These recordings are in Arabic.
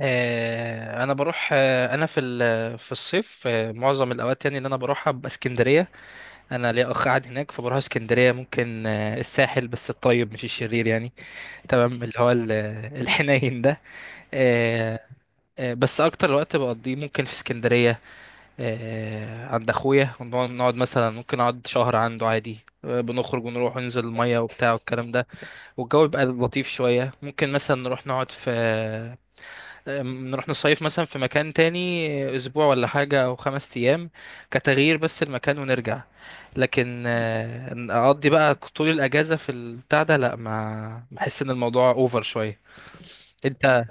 انا بروح، في الصيف، معظم الاوقات يعني اللي انا بروحها ببقى اسكندريه. انا ليا اخ قاعد هناك، فبروح اسكندريه، ممكن الساحل، بس الطيب مش الشرير يعني. تمام، اللي هو الحنين ده. آه، بس اكتر وقت بقضيه ممكن في اسكندريه، عند اخويا، ونقعد مثلا، ممكن اقعد شهر عنده عادي. بنخرج ونروح وننزل الميه وبتاع والكلام ده. والجو بيبقى لطيف شويه، ممكن مثلا نروح نصيف مثلا في مكان تاني، اسبوع ولا حاجة او 5 ايام. كتغيير بس المكان ونرجع. لكن إن اقضي بقى طول الاجازة في البتاع ده، لا، ما بحس ان الموضوع اوفر شوية. انت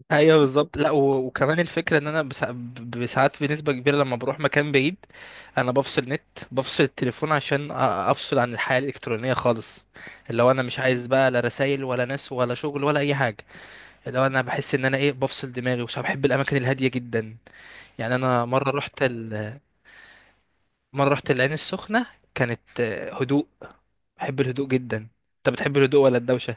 ايوه بالظبط. لا، وكمان الفكرة ان انا ساعات بنسبة كبيرة لما بروح مكان بعيد. انا بفصل نت، بفصل التليفون عشان افصل عن الحياة الالكترونية خالص. اللي هو انا مش عايز بقى لا رسايل ولا ناس ولا شغل ولا اي حاجة. اللي هو انا بحس ان انا ايه بفصل دماغي، وش بحب الاماكن الهاديه جدا. يعني انا مره رحت مره رحت العين السخنه. كانت هدوء. بحب الهدوء جدا. انت بتحب الهدوء ولا الدوشه؟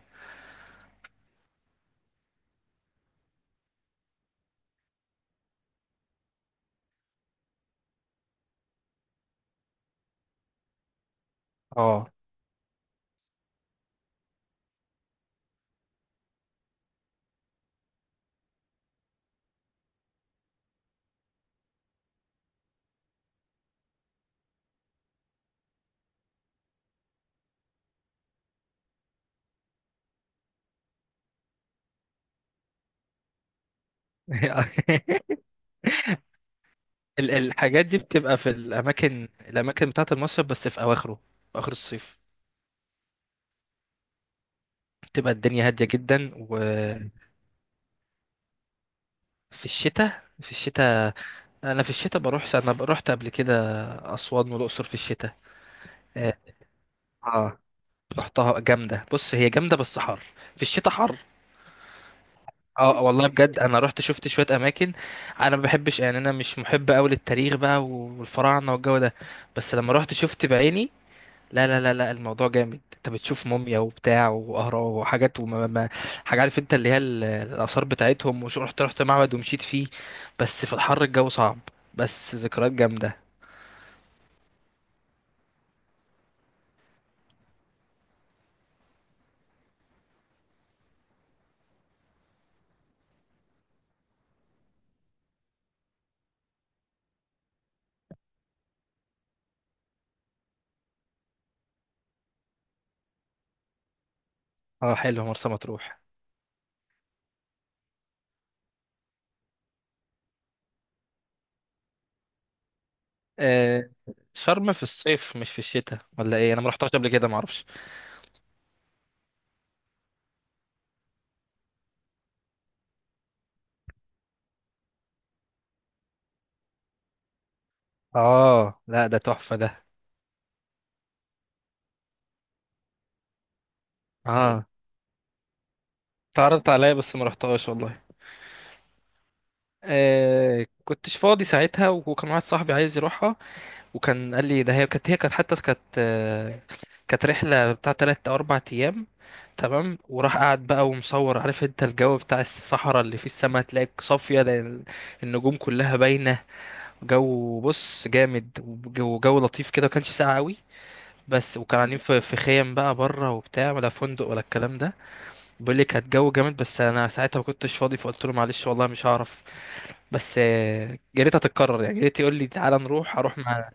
اه. الحاجات دي بتبقى في الاماكن بتاعه المصيف، بس في اواخره، في اخر الصيف. بتبقى الدنيا هاديه جدا. وفي الشتاء، في الشتاء انا في الشتاء بروح. انا رحت قبل كده اسوان والاقصر في الشتاء. اه، رحتها جامدة. بص، هي جامدة بس حر، في الشتاء حر. اه، والله بجد، انا رحت شفت شوية اماكن. انا ما بحبش، يعني انا مش محب قوي للتاريخ بقى والفراعنة والجو ده، بس لما رحت شفت بعيني، لا لا لا لا، الموضوع جامد. انت بتشوف موميا وبتاع واهرام وحاجات وما ما حاجة، عارف انت اللي هي الاثار بتاعتهم، وش رحت معبد ومشيت فيه. بس في الحر الجو صعب، بس ذكريات جامدة. اه، حلو مرسى مطروح. آه، شرم في الصيف مش في الشتاء ولا ايه؟ انا ما رحتهاش قبل كده، ما اعرفش. اه، لا، ده تحفة ده. اه، اتعرضت عليا بس ما رحتهاش والله. آه، كنتش فاضي ساعتها، وكان واحد صاحبي عايز يروحها، وكان قال لي ده. هي كانت حتى كانت كانت رحلة بتاع 3 أو 4 أيام، تمام، وراح قعد بقى ومصور، عارف انت الجو بتاع الصحراء اللي فيه السماء تلاقي صافية، لأن النجوم كلها باينة. جو، بص جامد، وجو لطيف كده، ما كانش ساقع قوي. بس وكان قاعدين في خيم بقى بره وبتاع، ولا فندق ولا الكلام ده. بيقول لي كانت جو جامد، بس انا ساعتها ما كنتش فاضي، فقلت له معلش والله مش هعرف. بس يا ريت هتتكرر، يعني يا ريت يقول لي تعالى نروح، اروح مع.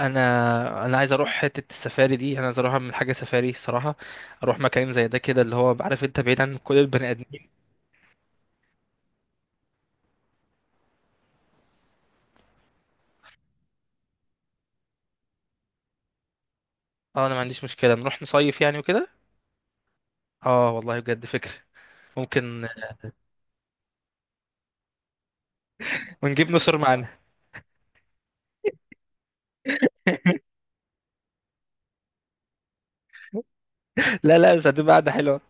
انا عايز اروح حته السفاري دي، انا عايز اروح اعمل حاجه سفاري الصراحه. اروح مكان زي ده كده، اللي هو عارف انت، بعيد عن كل البني ادمين. اه، انا ما عنديش مشكله نروح نصيف يعني وكده. اه، والله بجد فكره. ممكن، ونجيب نصر معانا. لا، لا، بس هتبقى قعده حلوه.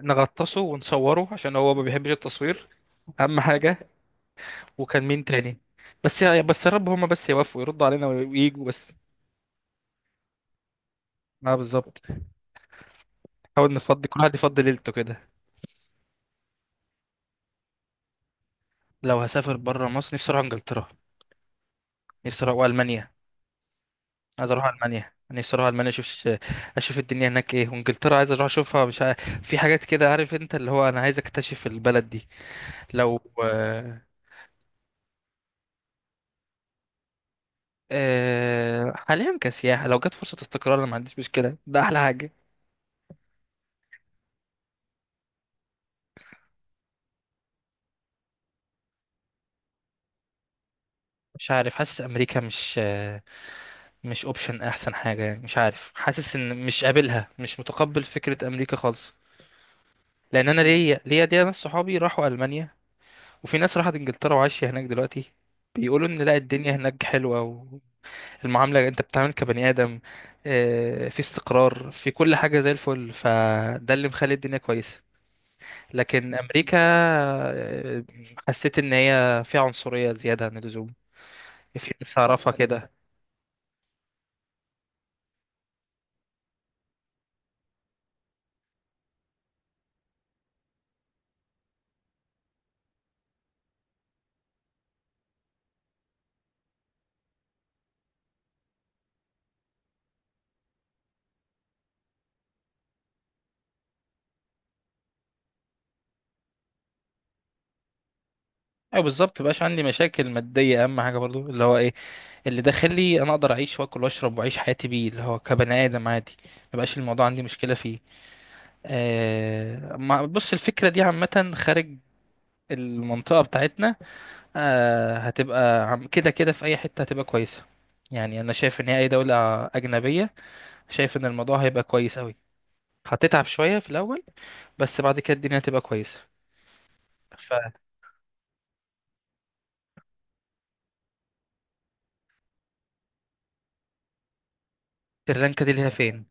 نغطسه ونصوره عشان هو ما بيحبش التصوير، اهم حاجه. وكان مين تاني؟ بس يا رب هما بس يوافقوا يردوا علينا ويجوا بس. اه، بالظبط، نحاول نفضي، كل واحد يفضي ليلته كده. لو هسافر بره مصر نفسي اروح انجلترا، نفسي اروح المانيا. عايز اروح المانيا، نفسي اروح المانيا، اشوف اشوف الدنيا هناك ايه، وانجلترا عايز اروح اشوفها مش عارف. في حاجات كده، عارف انت اللي هو انا عايز اكتشف البلد دي. لو حاليا كسياحة، لو جت فرصة استقرار انا ما عنديش مشكلة، ده احلى حاجة. مش عارف، حاسس امريكا مش اوبشن احسن حاجه يعني. مش عارف، حاسس ان مش قابلها، مش متقبل فكره امريكا خالص. لان انا ليا دي ناس صحابي راحوا المانيا، وفي ناس راحت انجلترا وعايشه هناك دلوقتي. بيقولوا ان لا، الدنيا هناك حلوه، والمعامله انت بتتعامل كبني ادم، في استقرار، في كل حاجه زي الفل، فده اللي مخلي الدنيا كويسه. لكن امريكا آه، حسيت ان هي فيها عنصريه زياده عن اللزوم. في ناس اعرفها كده. ايوه، بالظبط، مبقاش عندي مشاكل ماديه اهم حاجه برضو، اللي هو ايه، اللي داخلي انا اقدر اعيش واكل واشرب واعيش حياتي بيه، اللي هو كبني ادم عادي. مبقاش الموضوع عندي مشكله فيه. آه، ما بص، الفكره دي عامه خارج المنطقه بتاعتنا. آه، هتبقى كده كده في اي حته هتبقى كويسه. يعني انا شايف ان هي اي دوله اجنبيه، شايف ان الموضوع هيبقى كويس قوي. هتتعب شويه في الاول، بس بعد كده الدنيا هتبقى كويسه. فسريلانكا دي اللي هي فين؟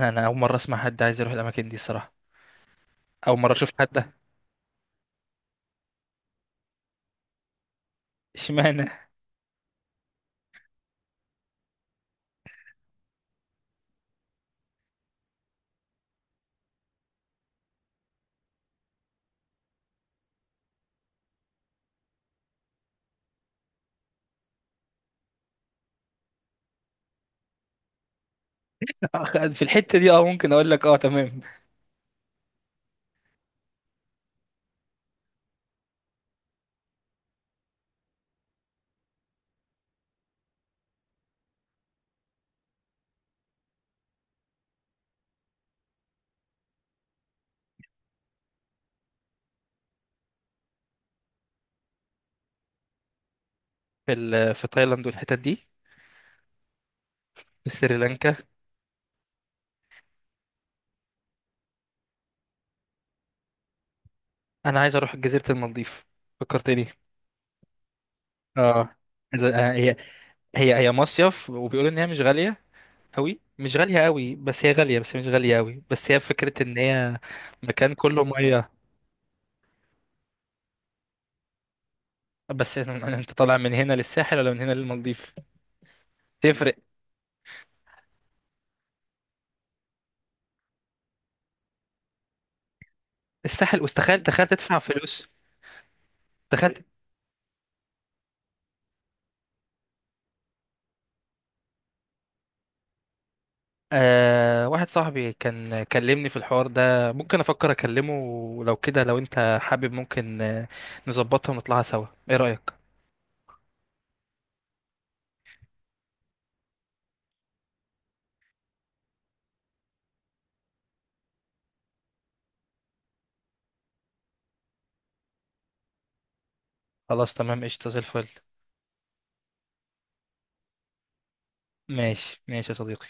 انا اول مره اسمع حد عايز يروح الاماكن دي الصراحه. اول مره اشوف حد ده. اشمعنى؟ في الحتة دي اه، ممكن اقول لك اه، تمام. في في تايلاند والحتت دي؟ في سريلانكا. انا عايز اروح جزيرة المالديف، فكرتني. اه، عايز- آه، هي هي مصيف وبيقولوا ان هي مش غالية قوي، مش غالية قوي، بس هي غالية، بس هي مش غالية قوي، بس هي فكرة ان هي مكان كله مية. بس انت طالع من هنا للساحل ولا من هنا للمالديف؟ تفرق. الساحل، واستخيل تخيل تدفع فلوس. تخيل. أه، واحد صاحبي كان كلمني في الحوار ده، ممكن افكر اكلمه ولو كده، لو انت حابب ممكن نظبطها ونطلعها سوا، ايه رأيك؟ خلاص، تمام، قشطة زي الفل. ماشي، ماشي يا صديقي.